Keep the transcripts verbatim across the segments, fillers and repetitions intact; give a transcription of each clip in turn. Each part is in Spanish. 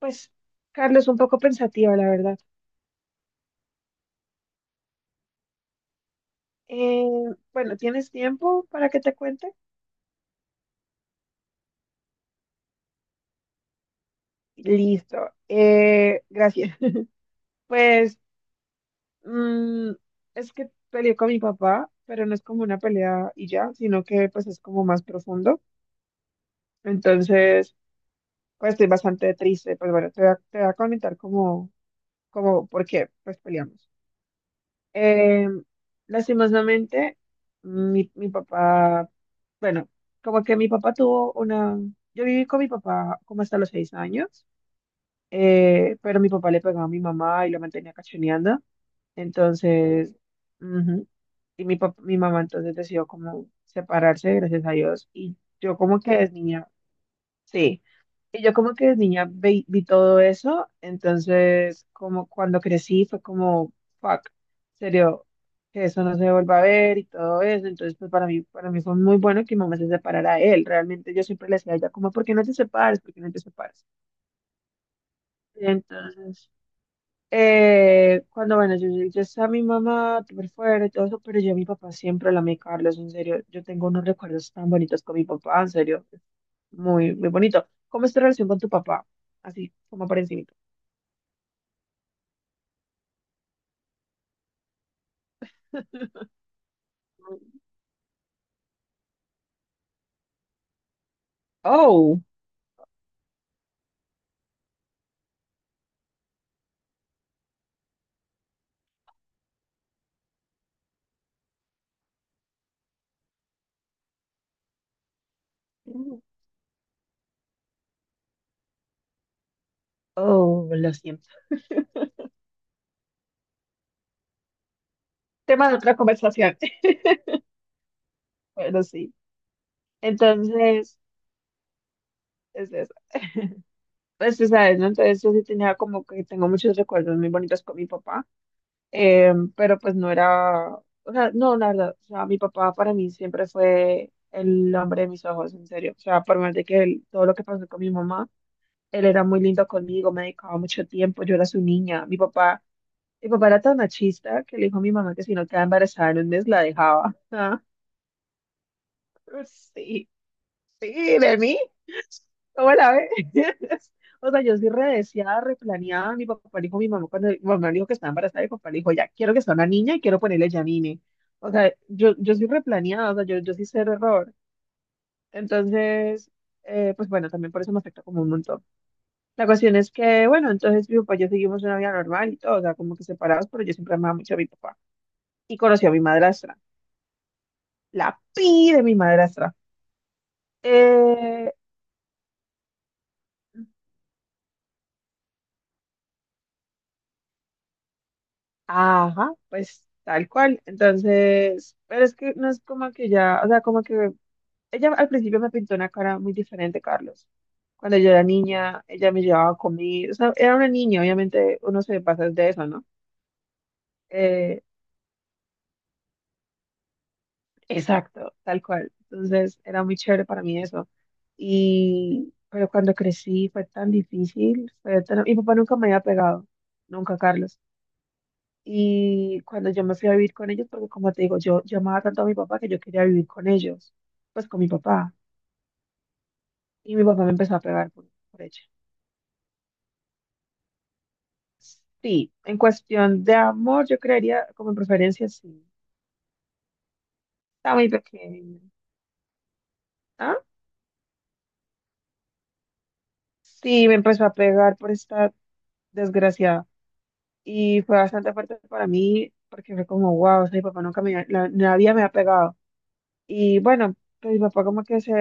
Pues, Carlos, un poco pensativa, la verdad. Eh, bueno, ¿tienes tiempo para que te cuente? Listo. Eh, gracias. Pues, mm, es que peleé con mi papá, pero no es como una pelea y ya, sino que pues es como más profundo. Entonces, pues estoy bastante triste. Pues bueno, te voy a, te voy a comentar como, como por qué pues peleamos. Eh, Lastimosamente, mi, mi papá, bueno, como que mi papá tuvo una, yo viví con mi papá como hasta los seis años. Eh, pero mi papá le pegaba a mi mamá y lo mantenía cachoneando, entonces, ujú, y mi, pap- mi mamá entonces decidió como separarse, gracias a Dios, y yo como que desde niña, sí. Y yo como que de niña vi, vi todo eso, entonces como cuando crecí fue como, fuck, en serio, que eso no se vuelva a ver y todo eso. Entonces pues para mí, para mí fue muy bueno que mi mamá se separara de él. Realmente yo siempre le decía a ella como, ¿por qué no te separas? ¿Por qué no te separas? Entonces, eh, cuando, bueno, yo, yo, yo estaba, mi mamá súper fuerte y todo eso, pero yo a mi papá siempre la amé, Carlos, en serio. Yo tengo unos recuerdos tan bonitos con mi papá, en serio. Es Muy, muy bonito. ¿Cómo es tu relación con tu papá? Así, como por encima. Oh, oh, lo siento. Tema de otra conversación. Bueno, sí. Entonces, es eso. Pues tú sabes, ¿no? Entonces yo sí tenía, como que tengo muchos recuerdos muy bonitos con mi papá. Eh, pero pues no era, o sea, no, la verdad, o sea, mi papá para mí siempre fue el hombre de mis ojos, en serio. O sea, por más de que él- todo lo que pasó con mi mamá, él era muy lindo conmigo, me dedicaba mucho tiempo, yo era su niña. Mi papá, mi papá era tan machista que le dijo a mi mamá que si no quedaba embarazada en un mes la dejaba. Ah, pues sí. Sí, de mí. ¿Cómo la ves? O sea, yo sí redeseada, replaneada. Mi papá le dijo, mi mamá, cuando mi mamá le dijo que estaba embarazada, mi papá le dijo, ya, quiero que sea una niña y quiero ponerle Janine. O sea, yo, yo soy replaneada, o sea, yo, yo sí sé error. Entonces, eh, pues bueno, también por eso me afecta como un montón. La cuestión es que, bueno, entonces mi papá y yo seguimos una vida normal y todo, o sea, como que separados, pero yo siempre amaba mucho a mi papá. Y conocí a mi madrastra, la pi de mi madrastra. Eh, Ajá, pues tal cual. Entonces, pero es que no es como que ya, o sea, como que ella al principio me pintó una cara muy diferente, Carlos. Cuando yo era niña, ella me llevaba a comer, o sea, era una niña, obviamente uno se pasa de eso, ¿no? Eh, exacto, tal cual. Entonces, era muy chévere para mí eso. Y, pero cuando crecí fue tan difícil, fue tan- mi papá nunca me había pegado, nunca, Carlos. Y cuando yo me fui a vivir con ellos, porque como te digo, yo, yo amaba tanto a mi papá que yo quería vivir con ellos, pues con mi papá. Y mi papá me empezó a pegar por, por ella. Sí, en cuestión de amor, yo creería como en preferencia, sí. Está muy pequeño. ¿Ah? Sí, me empezó a pegar por esta desgraciada. Y fue bastante fuerte para mí, porque fue como, wow, o sea, mi papá nunca me, la- nadie me ha pegado. Y bueno, pues mi papá como que se,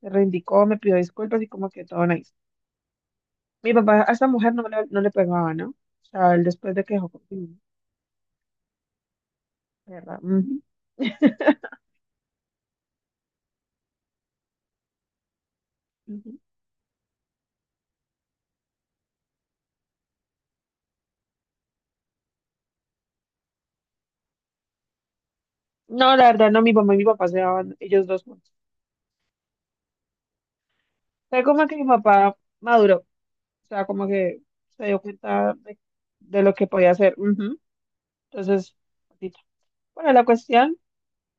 se reivindicó, me pidió disculpas y como que todo nice. Mi papá a esta mujer no le, no le pegaba, ¿no? O sea, él después de que dejó conmigo, ¿verdad? Ujú, ujú. No, la verdad, no, mi mamá y mi papá se daban ellos dos juntos. Fue como que mi papá maduró, o sea, como que se dio cuenta de, de lo que podía hacer. Ujú. Entonces, poquito. Bueno, la cuestión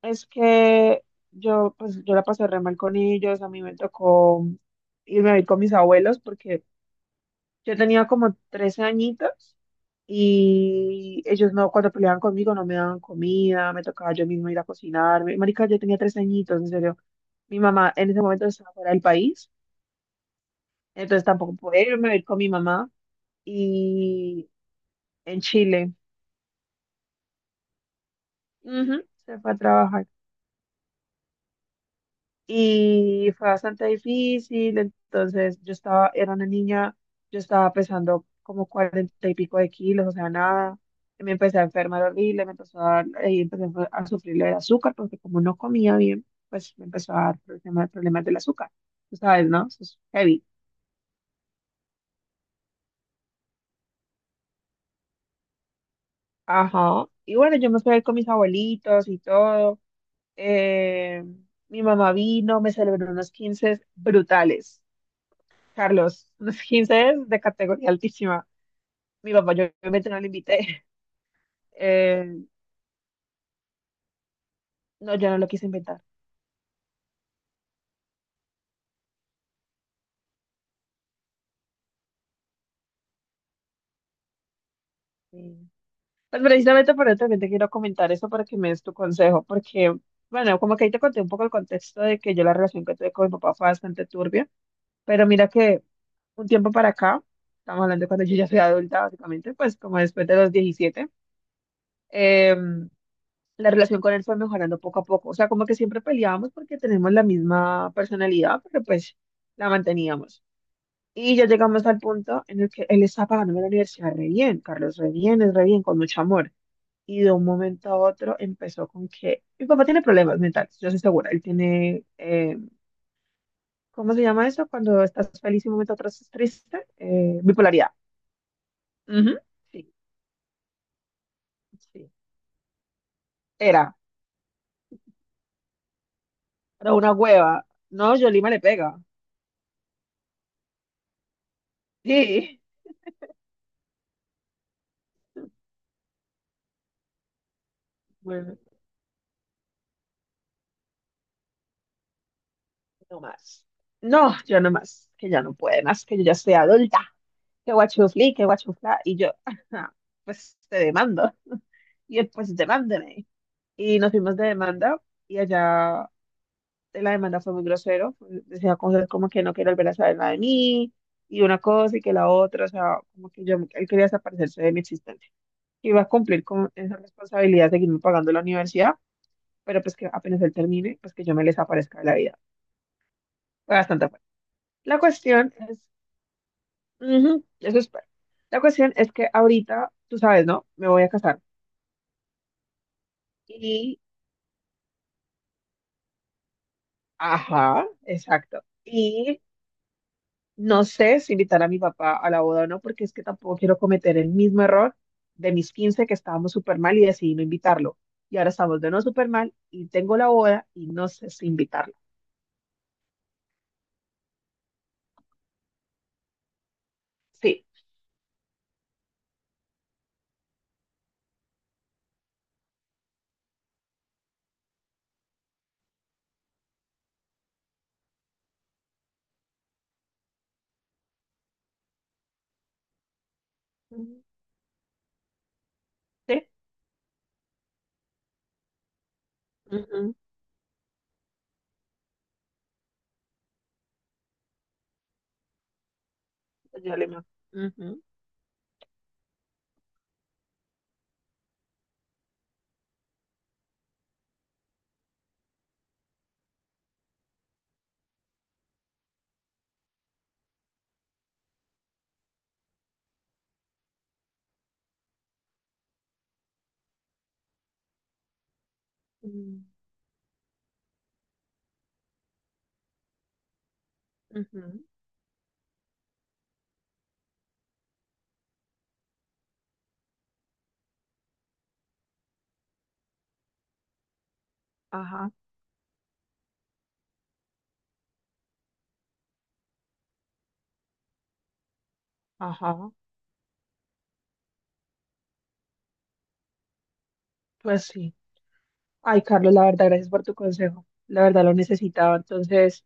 es que yo, pues, yo la pasé re mal con ellos. A mí me tocó irme a vivir con mis abuelos porque yo tenía como trece añitos, y ellos no, cuando peleaban conmigo no me daban comida, me tocaba yo mismo ir a cocinar. Mi- Marica, yo tenía trece añitos, en serio. Mi mamá en ese momento estaba fuera del país, entonces tampoco podía irme a ir con mi mamá. Y en Chile, ujú, se fue a trabajar. Y fue bastante difícil. Entonces yo estaba, era una niña, yo estaba pesando como cuarenta y pico de kilos, o sea, nada. Me empecé a enfermar horrible, me empezó a dar, ahí empecé a a sufrir lo del azúcar, porque como no comía bien, pues me empezó a dar problemas, problemas del azúcar. Tú sabes, ¿no? Eso es heavy. Ajá. Y bueno, yo me fui a ir con mis abuelitos y todo. Eh, Mi mamá vino, me celebró unos quince brutales, Carlos, unos quince de categoría altísima. Mi papá, yo obviamente no lo invité. Eh, no, yo no lo quise invitar. Sí. Pues precisamente por eso también te quiero comentar eso para que me des tu consejo, porque, bueno, como que ahí te conté un poco el contexto de que yo, la relación que tuve con mi papá fue bastante turbia, pero mira que un tiempo para acá, estamos hablando de cuando yo ya soy adulta, básicamente, pues como después de los diecisiete. em, la relación con él fue mejorando poco a poco. O sea, como que siempre peleábamos porque tenemos la misma personalidad, pero pues la manteníamos. Y ya llegamos al punto en el que él está pagándome la universidad re bien, Carlos, re bien, es re bien, con mucho amor. Y de un momento a otro empezó con que, mi papá tiene problemas mentales, yo estoy segura. Él tiene, eh, ¿cómo se llama eso? Cuando estás feliz y un momento a otro estás triste, eh, bipolaridad. Ujú, sí, sí. Era, era una hueva. No, Yolima le pega. Sí. No más. No, yo no más. Que ya no puede más, que yo ya soy adulta. Que guachufli, que guachufla. Y yo, "Ajá, pues te demando". Y él, pues demándeme. Y nos fuimos de demanda. Y allá de la demanda fue muy grosero. Decía cosas como que no quiero volver a saber nada de mí. Y una cosa y que la otra. O sea, como que yo, él quería desaparecerse de mi existencia. Iba a cumplir con esa responsabilidad de seguirme pagando la universidad. Pero pues que apenas él termine, pues que yo me les aparezca de la vida. Fue bastante fuerte. La cuestión es. Ujú, eso espero. La cuestión es que ahorita, tú sabes, ¿no? Me voy a casar. Y, ajá, exacto. Y no sé si invitar a mi papá a la boda o no, porque es que tampoco quiero cometer el mismo error de mis quince, que estábamos súper mal y decidí no invitarlo. Y ahora estamos de no súper mal y tengo la boda y no sé si invitarlo. Sí. Ujú, sí. Ujú, señor Lima. Ujú, ujú, ujú, ajá, ajá. Pues sí. Ay, Carlos, la verdad, gracias por tu consejo. La verdad lo necesitaba. Entonces,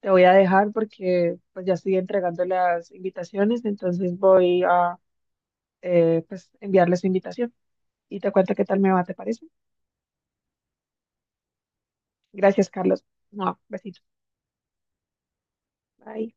te voy a dejar porque pues ya estoy entregando las invitaciones, entonces voy a eh, pues enviarles su invitación y te cuento qué tal me va, ¿te parece? Gracias, Carlos. No, besitos. Bye.